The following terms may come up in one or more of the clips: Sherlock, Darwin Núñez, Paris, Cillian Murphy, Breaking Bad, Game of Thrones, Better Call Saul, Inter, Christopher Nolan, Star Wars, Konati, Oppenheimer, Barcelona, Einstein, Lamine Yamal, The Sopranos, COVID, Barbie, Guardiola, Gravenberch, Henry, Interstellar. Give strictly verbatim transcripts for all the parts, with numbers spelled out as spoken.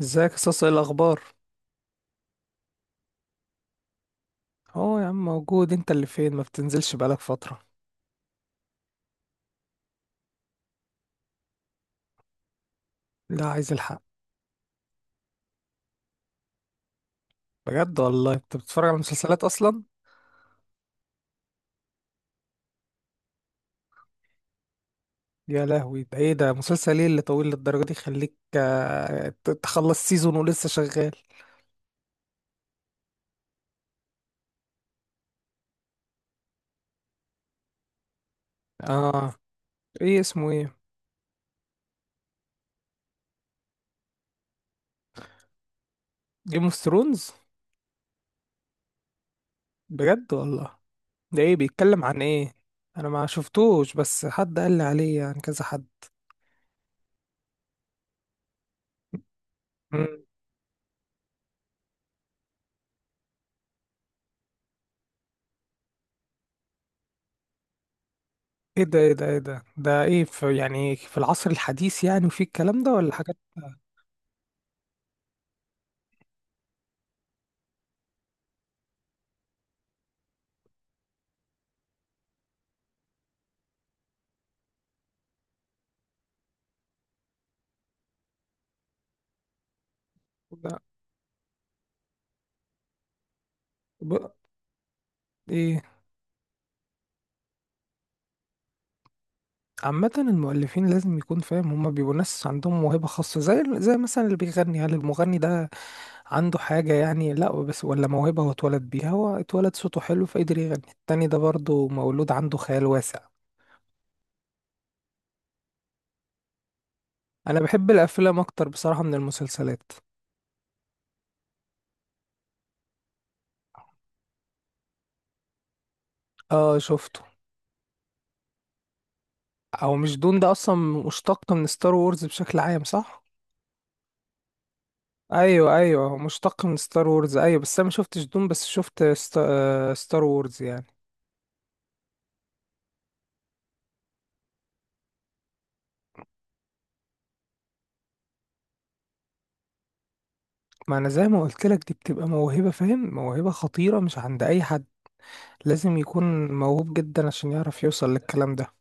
ازيك يا صاصة؟ ايه الاخبار؟ اه يا عم، موجود. انت اللي فين؟ ما بتنزلش بقالك فترة. لا، عايز الحق. بجد والله، انت بتتفرج على مسلسلات اصلا؟ يا لهوي، ده ايه ده؟ مسلسل ايه اللي طويل للدرجة دي يخليك آه، ت- تخلص سيزون ولسه شغال؟ اه. ايه اسمه؟ ايه؟ جيم اوف ثرونز؟ بجد والله؟ ده ايه؟ بيتكلم عن ايه؟ انا ما شفتوش، بس حد قال لي عليه، يعني كذا حد. مم. ايه ده؟ ايه ده؟ ايه ده؟ ده ايه، في يعني في العصر الحديث يعني وفي الكلام ده ولا حاجات؟ لا. ايه؟ عامة المؤلفين لازم يكون فاهم، هما بيبقوا ناس عندهم موهبة خاصة، زي زي مثلا اللي بيغني. هل المغني ده عنده حاجة يعني؟ لا بس ولا موهبة، هو اتولد بيها، هو اتولد صوته حلو فقدر يغني. التاني ده برضه مولود عنده خيال واسع. انا بحب الافلام اكتر بصراحة من المسلسلات. اه شفته. او مش دون ده اصلا مشتق من ستار وورز بشكل عام، صح؟ ايوه ايوه، هو مشتق من ستار وورز ايوه، بس انا ما شفتش دون، بس شفت ست... آه، ستار وورز يعني. ما انا زي ما قلت لك، دي بتبقى موهبة، فاهم؟ موهبة خطيرة مش عند اي حد. لازم يكون موهوب جدا عشان يعرف يوصل للكلام ده.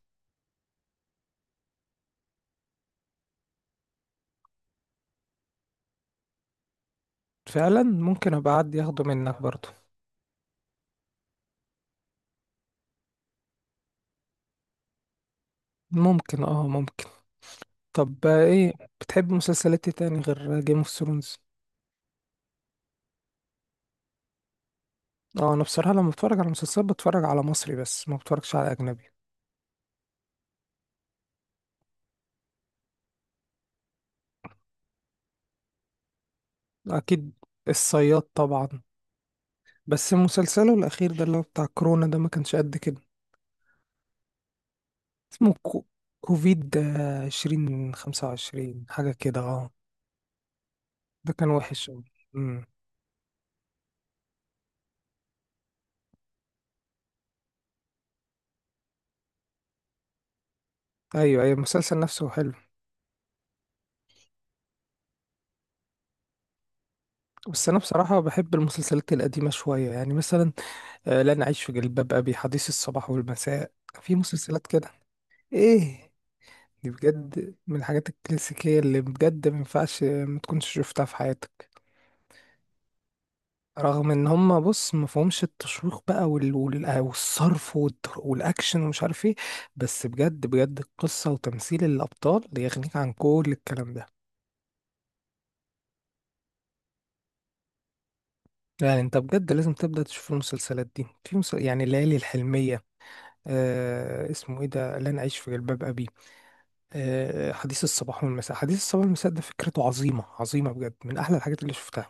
فعلا، ممكن ابقى حد ياخده منك برضو. ممكن، اه ممكن. طب آه، ايه، بتحب مسلسلات إيه تاني غير جيم اوف ثرونز؟ اه، انا بصراحة لما بتفرج على مسلسلات بتفرج على مصري بس، ما بتفرجش على اجنبي. اكيد. الصياد طبعا. بس مسلسله الاخير ده اللي هو بتاع كورونا ده ما كانش قد كده. اسمه كو- كوفيد عشرين خمسة وعشرين حاجة كده اه. ده كان وحش أوي. امم. ايوه ايوه، المسلسل نفسه حلو. بس انا بصراحه بحب المسلسلات القديمه شويه، يعني مثلا آه، لن اعيش في جلباب ابي، حديث الصباح والمساء. في مسلسلات كده، ايه، دي بجد من الحاجات الكلاسيكيه اللي بجد ما ينفعش ما تكونش شفتها في حياتك. رغم ان هم، بص، ما فيهمش التشويق بقى وال... وال... آه، والصرف والت- والاكشن ومش عارف ايه، بس بجد بجد القصه وتمثيل الابطال يغنيك عن كل الكلام ده. يعني انت بجد لازم تبدأ تشوف المسلسلات دي. في مسل... يعني الليالي الحلمية، آه اسمه ايه ده، لن اعيش في جلباب ابي، آه حديث الصباح والمساء، حديث الصباح والمساء ده فكرته عظيمة عظيمة، بجد من احلى الحاجات اللي شفتها.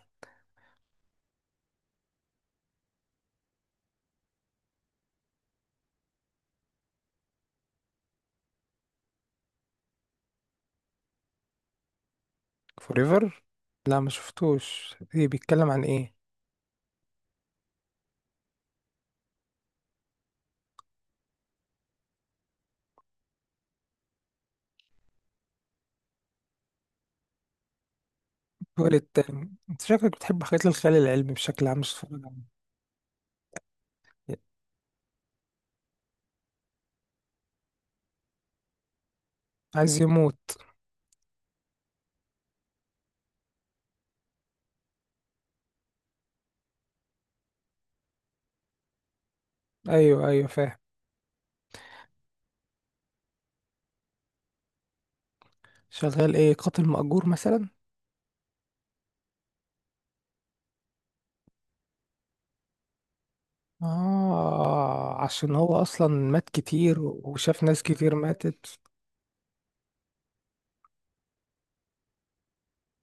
فوريفر؟ لا ما شفتوش. ايه، بيتكلم عن ايه؟ تولد. انت شكلك بتحب حاجات الخيال العلمي بشكل عام، مش تتفرج على- عايز يموت. ايوه ايوه، فاهم. شغال ايه، قاتل مأجور مثلا؟ اه، عشان هو اصلا مات كتير وشاف ناس كتير ماتت.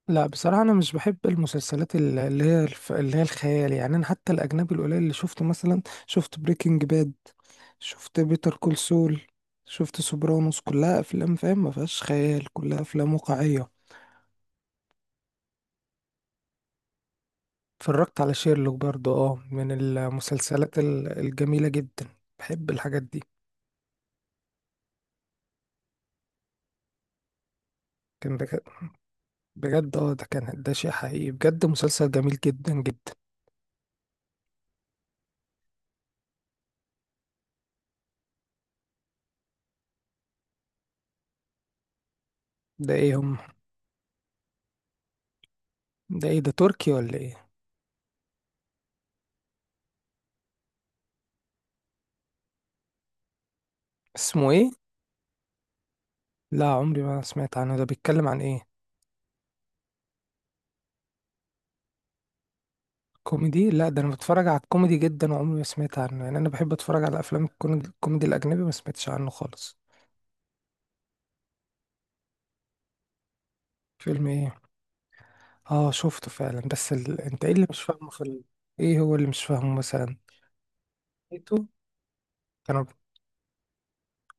لا بصراحة، أنا مش بحب المسلسلات ال- اللي هي الف- اللي هي الخيال، يعني أنا حتى الأجنبي القليل اللي شفته مثلا، شفت بريكنج باد، شفت بيتر كول سول، شفت سوبرانوس، كلها أفلام، فاهم؟ ما فيهاش خيال، كلها أفلام واقعية. اتفرجت على شيرلوك برضو، اه، من المسلسلات ال- الجميلة جدا. بحب الحاجات دي. كان بجد. بجد اه، ده كان، ده شيء حقيقي، بجد مسلسل جميل جدا جدا. ده ايه هم؟ ده ايه، ده تركي ولا ايه؟ اسمه ايه؟ لا عمري ما سمعت عنه. ده بيتكلم عن ايه؟ كوميدي؟ لا ده انا بتفرج على الكوميدي جدا، وعمري ما سمعت عنه، يعني انا بحب اتفرج على افلام الكون- الكوميدي الاجنبي، ما سمعتش عنه خالص. فيلم ايه؟ اه شفته فعلا، بس ال... انت ايه اللي مش فاهمه في ال... ايه هو اللي مش فاهمه مثلا؟ ايتو. انا،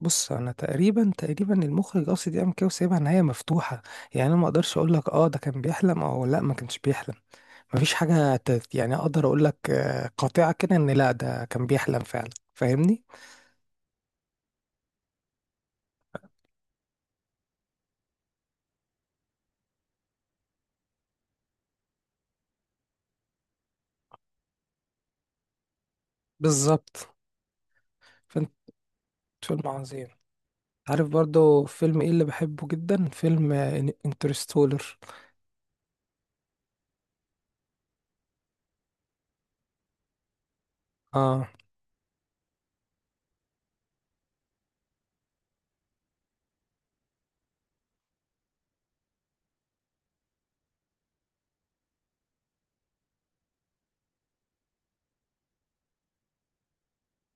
بص، انا تقريبا تقريبا المخرج قصد يعمل كده وسايبها نهايه مفتوحه، يعني انا ما اقدرش اقول لك اه ده كان بيحلم او لا ما كانش بيحلم. مفيش حاجه ت... يعني اقدر اقول لك آه، قاطعه كده ان لا ده كان بيحلم فعلا، فاهمني؟ بالظبط. فانت. فيلم عظيم. عارف برضو فيلم ايه اللي بحبه جدا؟ فيلم انترستولر. اه.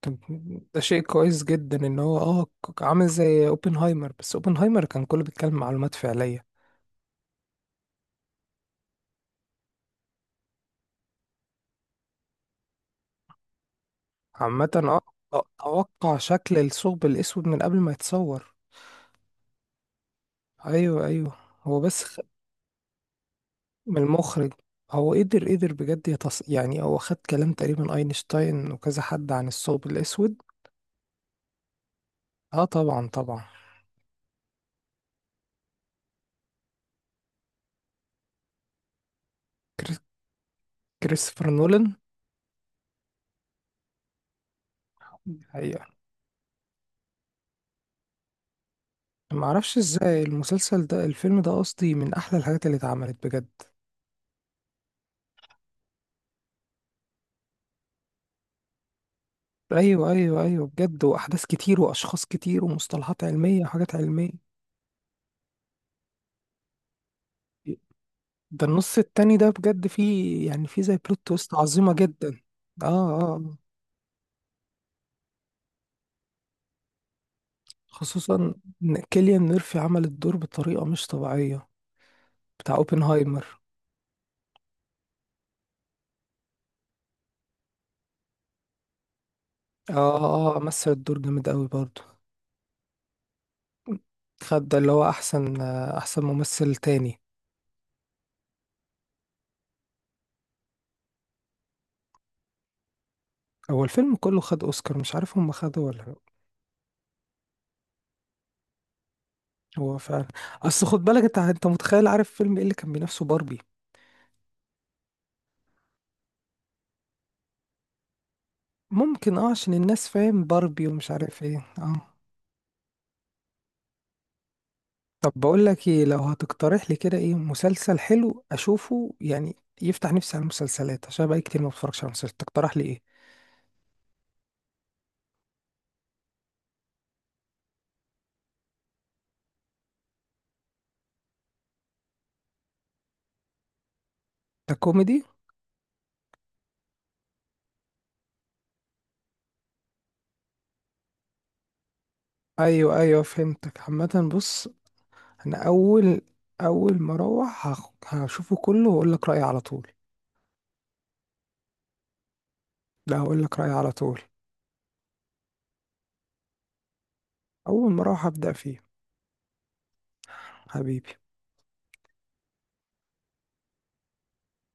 طب ده شيء كويس جدا ان هو اه ك- عامل زي اوبنهايمر، بس اوبنهايمر كان كله بيتكلم معلومات فعلية. عامة اه آه، اتوقع شكل الثقب الاسود من قبل ما يتصور. ايوه ايوه. هو بس خ- من المخرج. هو قدر، قدر بجد يتص... يعني هو خد كلام تقريبا اينشتاين وكذا حد عن الثقب الاسود. اه طبعا طبعا. كريس- كريستوفر نولان. أيوة. ما اعرفش ازاي المسلسل ده، الفيلم ده قصدي، من احلى الحاجات اللي اتعملت بجد. ايوه ايوه ايوه، بجد واحداث كتير واشخاص كتير ومصطلحات علميه وحاجات علميه. ده النص التاني ده بجد فيه، يعني فيه زي بلوت تويست عظيمه جدا. اه اه آه. خصوصا ان كيليان ميرفي عمل الدور بطريقه مش طبيعيه، بتاع اوبنهايمر. اه اه آه، مثل الدور جامد قوي برضه. خد ده اللي هو احسن، احسن ممثل تاني. هو الفيلم كله خد اوسكار، مش عارف هم خدوا ولا لأ. هو فعلا. اصل خد بالك انت، انت متخيل، عارف فيلم ايه اللي كان بينافسه؟ باربي. ممكن اه، عشان الناس فاهم باربي ومش عارف ايه اه. طب بقول لك ايه، لو هتقترح لي كده ايه مسلسل حلو اشوفه يعني، يفتح نفسي على المسلسلات، عشان بقى كتير ما بتفرجش على مسلسلات، تقترح لي ايه؟ ده كوميدي؟ ايوه ايوه، فهمتك عامه بص. انا اول، اول ما اروح هخ- هشوفه كله واقول لك رايي على طول. لا هقول لك رايي على طول. اول ما اروح هبدا فيه. حبيبي.